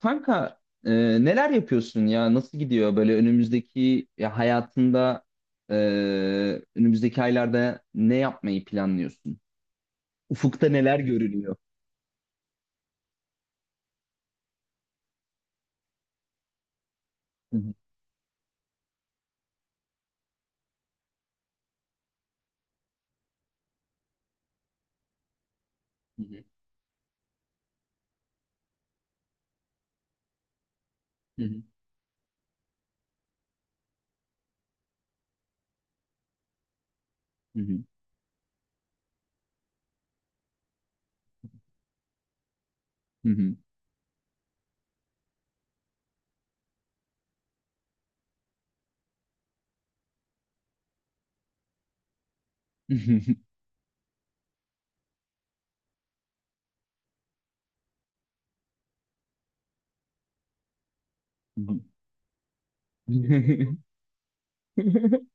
Kanka neler yapıyorsun ya? Nasıl gidiyor böyle önümüzdeki ya hayatında e, önümüzdeki aylarda ne yapmayı planlıyorsun? Ufukta neler görünüyor? Hı hı, hı hı, hı hı, hı hı, hı hı,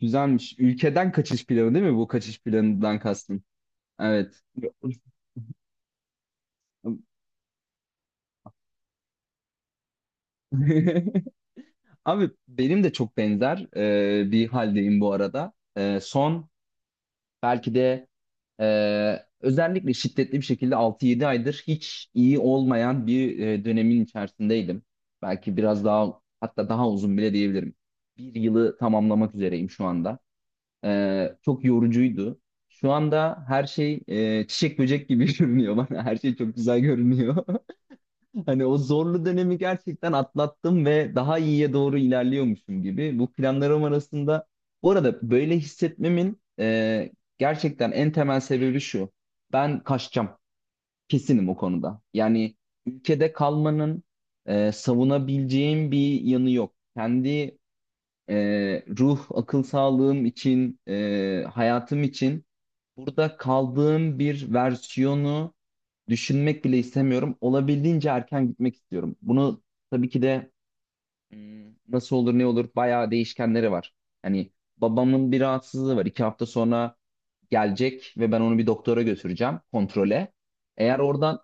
güzelmiş. Ülkeden kaçış planı değil mi? Bu kaçış planından kastın. Evet. Abi benim de çok benzer bir haldeyim bu arada. Son belki de özellikle şiddetli bir şekilde 6-7 aydır hiç iyi olmayan bir dönemin içerisindeydim. Belki biraz daha hatta daha uzun bile diyebilirim. Bir yılı tamamlamak üzereyim şu anda. Çok yorucuydu. Şu anda her şey çiçek böcek gibi görünüyor bana. Her şey çok güzel görünüyor. Hani o zorlu dönemi gerçekten atlattım ve daha iyiye doğru ilerliyormuşum gibi. Bu planlarım arasında bu arada böyle hissetmemin gerçekten en temel sebebi şu. Ben kaçacağım. Kesinim o konuda. Yani ülkede kalmanın savunabileceğim bir yanı yok. Kendi e, ruh, akıl sağlığım için, hayatım için burada kaldığım bir versiyonu düşünmek bile istemiyorum. Olabildiğince erken gitmek istiyorum. Bunu tabii ki de nasıl olur ne olur bayağı değişkenleri var. Hani babamın bir rahatsızlığı var. İki hafta sonra gelecek ve ben onu bir doktora götüreceğim kontrole. Eğer oradan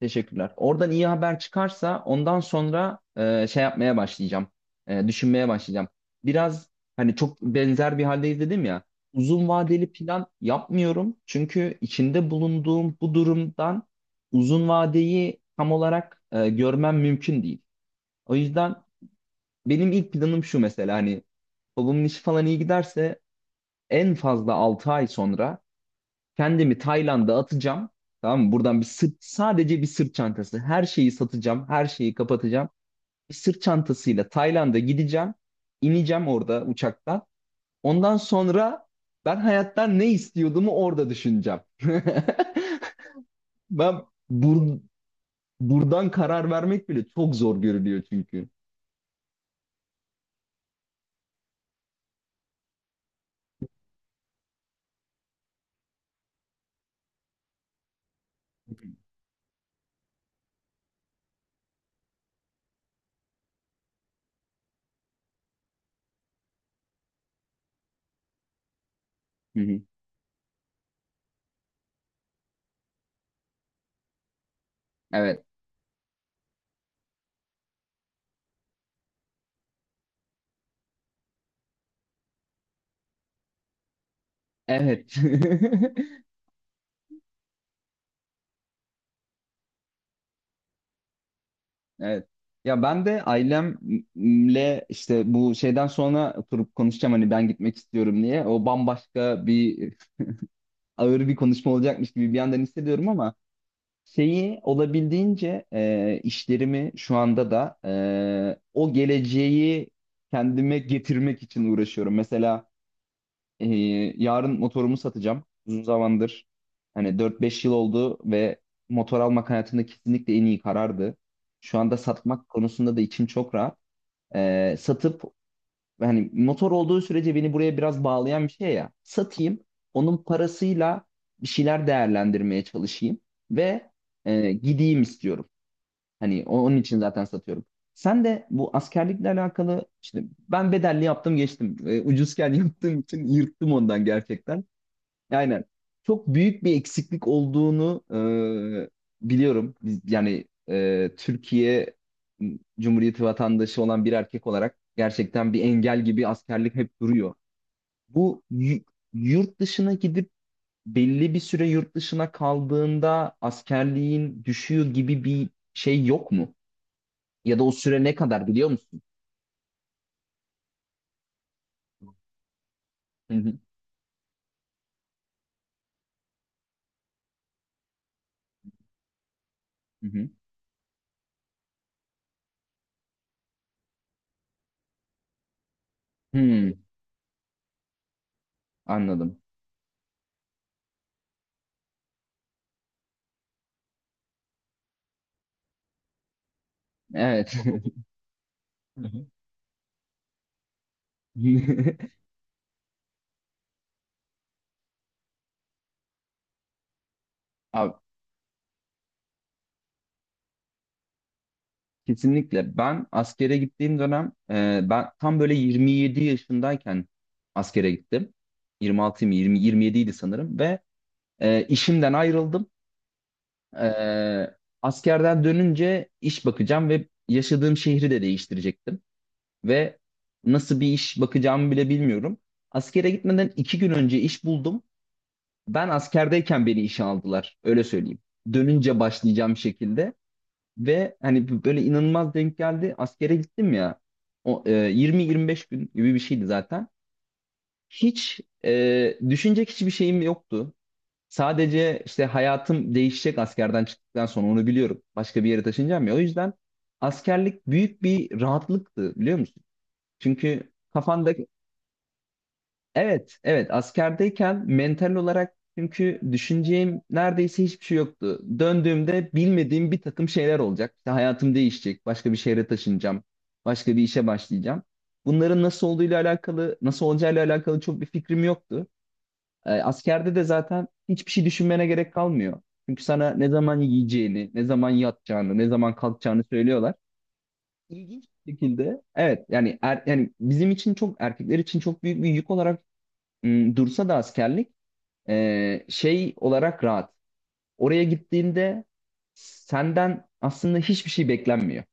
teşekkürler. Oradan iyi haber çıkarsa ondan sonra şey yapmaya başlayacağım. Düşünmeye başlayacağım. Biraz hani çok benzer bir haldeyiz dedim ya. Uzun vadeli plan yapmıyorum. Çünkü içinde bulunduğum bu durumdan uzun vadeyi tam olarak görmem mümkün değil. O yüzden benim ilk planım şu mesela hani babamın işi falan iyi giderse en fazla 6 ay sonra kendimi Tayland'a atacağım. Tamam mı? Buradan bir sırt, sadece bir sırt çantası. Her şeyi satacağım, her şeyi kapatacağım. Bir sırt çantasıyla Tayland'a gideceğim. İneceğim orada uçaktan. Ondan sonra ben hayattan ne istiyordumu orada düşüneceğim. Ben bur- Buradan karar vermek bile çok zor görünüyor çünkü. Hı hı. Evet. Evet. Evet. Ya ben de ailemle işte bu şeyden sonra oturup konuşacağım hani ben gitmek istiyorum diye. O bambaşka bir ağır bir konuşma olacakmış gibi bir yandan hissediyorum ama şeyi olabildiğince işlerimi şu anda da o geleceği kendime getirmek için uğraşıyorum. Mesela e, yarın motorumu satacağım. Uzun zamandır hani 4-5 yıl oldu ve motor almak hayatımda kesinlikle en iyi karardı. Şu anda satmak konusunda da içim çok rahat, satıp hani motor olduğu sürece beni buraya biraz bağlayan bir şey ya. Satayım, onun parasıyla bir şeyler değerlendirmeye çalışayım ve gideyim istiyorum. Hani onun için zaten satıyorum. Sen de bu askerlikle alakalı işte ben bedelli yaptım geçtim. Ucuzken yaptığım için yırttım ondan gerçekten. Aynen. Çok büyük bir eksiklik olduğunu biliyorum. Biz, yani Türkiye Cumhuriyeti vatandaşı olan bir erkek olarak gerçekten bir engel gibi askerlik hep duruyor. Bu y- Yurt dışına gidip belli bir süre yurt dışına kaldığında askerliğin düşüyor gibi bir şey yok mu? Ya da o süre ne kadar biliyor musun? Hı hı. Hı hı. Hmm, anladım. Evet. Abi, kesinlikle. Ben askere gittiğim dönem ben tam böyle 27 yaşındayken askere gittim. 26 mı 20 27 idi sanırım ve işimden ayrıldım. E, askerden dönünce iş bakacağım ve yaşadığım şehri de değiştirecektim ve nasıl bir iş bakacağımı bile bilmiyorum. Askere gitmeden iki gün önce iş buldum. Ben askerdeyken beni işe aldılar. Öyle söyleyeyim. Dönünce başlayacağım şekilde. Ve hani böyle inanılmaz denk geldi. Askere gittim ya. O 20-25 gün gibi bir şeydi zaten. Hiç düşünecek hiçbir şeyim yoktu. Sadece işte hayatım değişecek askerden çıktıktan sonra onu biliyorum. Başka bir yere taşınacağım ya. O yüzden askerlik büyük bir rahatlıktı biliyor musun? Çünkü kafanda evet, evet. Askerdeyken mental olarak çünkü düşüneceğim neredeyse hiçbir şey yoktu. Döndüğümde bilmediğim bir takım şeyler olacak. İşte hayatım değişecek. Başka bir şehre taşınacağım. Başka bir işe başlayacağım. Bunların nasıl olduğuyla alakalı, nasıl olacağıyla alakalı çok bir fikrim yoktu. Askerde de zaten hiçbir şey düşünmene gerek kalmıyor. Çünkü sana ne zaman yiyeceğini, ne zaman yatacağını, ne zaman kalkacağını söylüyorlar. İlginç bir şekilde evet yani yani bizim için çok erkekler için çok büyük bir yük olarak dursa da askerlik şey olarak rahat. Oraya gittiğinde senden aslında hiçbir şey beklenmiyor.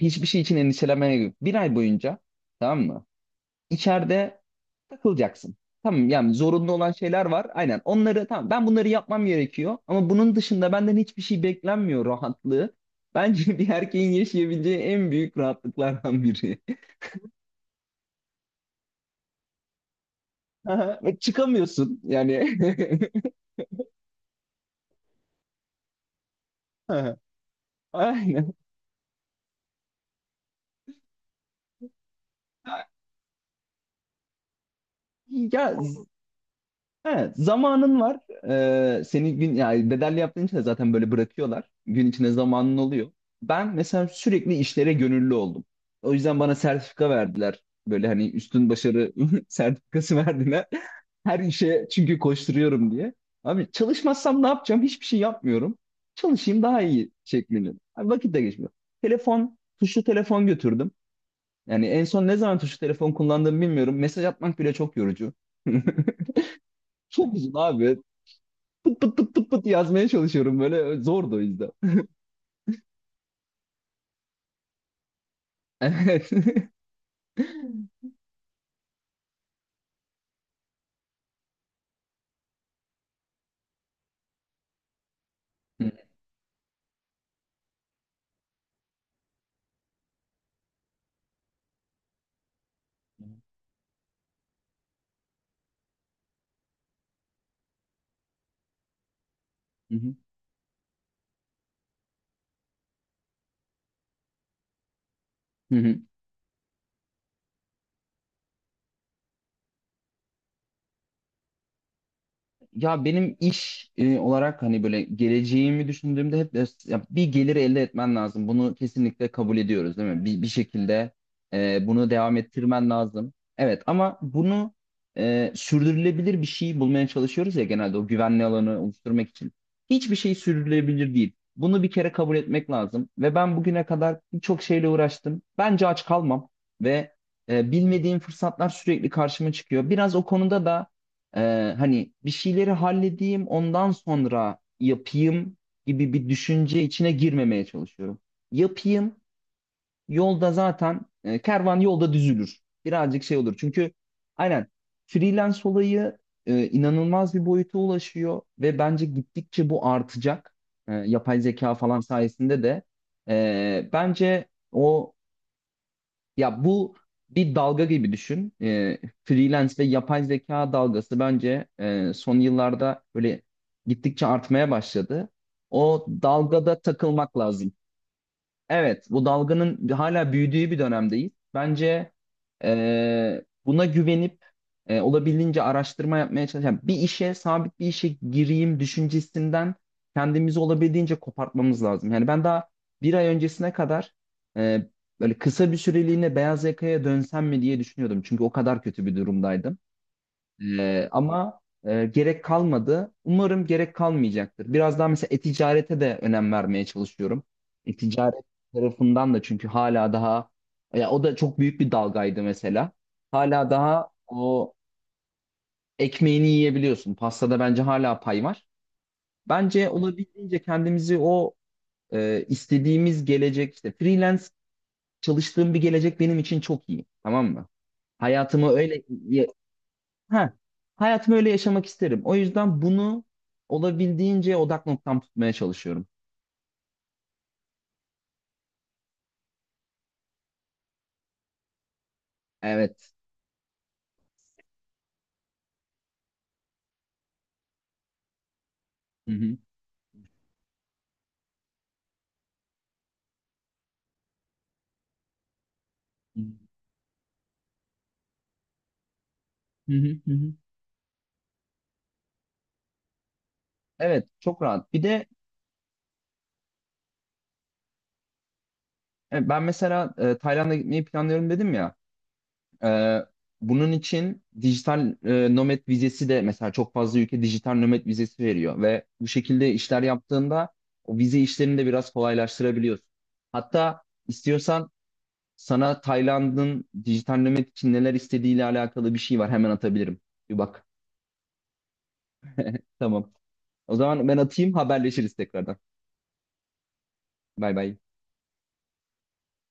Hiçbir şey için endişelenmene gerek yok. Bir ay boyunca tamam mı? İçeride takılacaksın. Tamam yani zorunlu olan şeyler var. Aynen onları tamam ben bunları yapmam gerekiyor. Ama bunun dışında benden hiçbir şey beklenmiyor rahatlığı. Bence bir erkeğin yaşayabileceği en büyük rahatlıklardan biri. Aha, ve çıkamıyorsun yani. Aha, aynen. Ya z- evet, zamanın var. Seni gün yani bedelli yaptığın için de zaten böyle bırakıyorlar. Gün içinde zamanın oluyor. Ben mesela sürekli işlere gönüllü oldum. O yüzden bana sertifika verdiler. Böyle hani üstün başarı sertifikası verdiler. Her işe çünkü koşturuyorum diye. Abi çalışmazsam ne yapacağım? Hiçbir şey yapmıyorum. Çalışayım daha iyi şeklinde. Abi vakit de geçmiyor. Telefon, tuşlu telefon götürdüm. Yani en son ne zaman tuşlu telefon kullandığımı bilmiyorum. Mesaj atmak bile çok yorucu. Çok uzun abi. Pıt pıt pıt pıt pıt yazmaya çalışıyorum böyle. Zordu o yüzden. Evet. Hı hı. Hı hı. Ya benim iş olarak hani böyle geleceğimi düşündüğümde ya bir gelir elde etmen lazım. Bunu kesinlikle kabul ediyoruz değil mi? Bir, bir şekilde bunu devam ettirmen lazım. Evet ama bunu sürdürülebilir bir şey bulmaya çalışıyoruz ya genelde o güvenli alanı oluşturmak için. Hiçbir şey sürdürülebilir değil. Bunu bir kere kabul etmek lazım. Ve ben bugüne kadar birçok şeyle uğraştım. Bence aç kalmam ve bilmediğim fırsatlar sürekli karşıma çıkıyor. Biraz o konuda da hani bir şeyleri halledeyim ondan sonra yapayım gibi bir düşünce içine girmemeye çalışıyorum. Yapayım yolda zaten kervan yolda düzülür. Birazcık şey olur çünkü aynen freelance olayı inanılmaz bir boyuta ulaşıyor ve bence gittikçe bu artacak. Yapay zeka falan sayesinde de bence o ya bu bir dalga gibi düşün. Freelance ve yapay zeka dalgası bence son yıllarda böyle gittikçe artmaya başladı. O dalgada takılmak lazım. Evet, bu dalganın hala büyüdüğü bir dönemdeyiz. Bence buna güvenip olabildiğince araştırma yapmaya çalışan bir işe, sabit bir işe gireyim düşüncesinden kendimizi olabildiğince kopartmamız lazım. Yani ben daha bir ay öncesine kadar e, böyle kısa bir süreliğine beyaz yakaya dönsem mi diye düşünüyordum. Çünkü o kadar kötü bir durumdaydım. Ama gerek kalmadı. Umarım gerek kalmayacaktır. Biraz daha mesela e-ticarete de önem vermeye çalışıyorum. E-ticaret tarafından da çünkü hala daha ya o da çok büyük bir dalgaydı mesela. Hala daha o ekmeğini yiyebiliyorsun. Pastada bence hala pay var. Bence olabildiğince kendimizi o istediğimiz gelecek işte freelance çalıştığım bir gelecek benim için çok iyi. Tamam mı? Hayatımı öyle ha, hayatımı öyle yaşamak isterim. O yüzden bunu olabildiğince odak noktam tutmaya çalışıyorum. Evet. Hı hı. Hı hı hı. Hı. Evet, çok rahat. Bir de ben mesela Tayland'a gitmeyi planlıyorum dedim ya. E, bunun için dijital nomad vizesi de mesela çok fazla ülke dijital nomad vizesi veriyor ve bu şekilde işler yaptığında o vize işlerini de biraz kolaylaştırabiliyorsun. Hatta istiyorsan sana Tayland'ın dijitallemek için neler istediğiyle alakalı bir şey var. Hemen atabilirim. Bir bak. Tamam. O zaman ben atayım haberleşiriz tekrardan. Bay bay.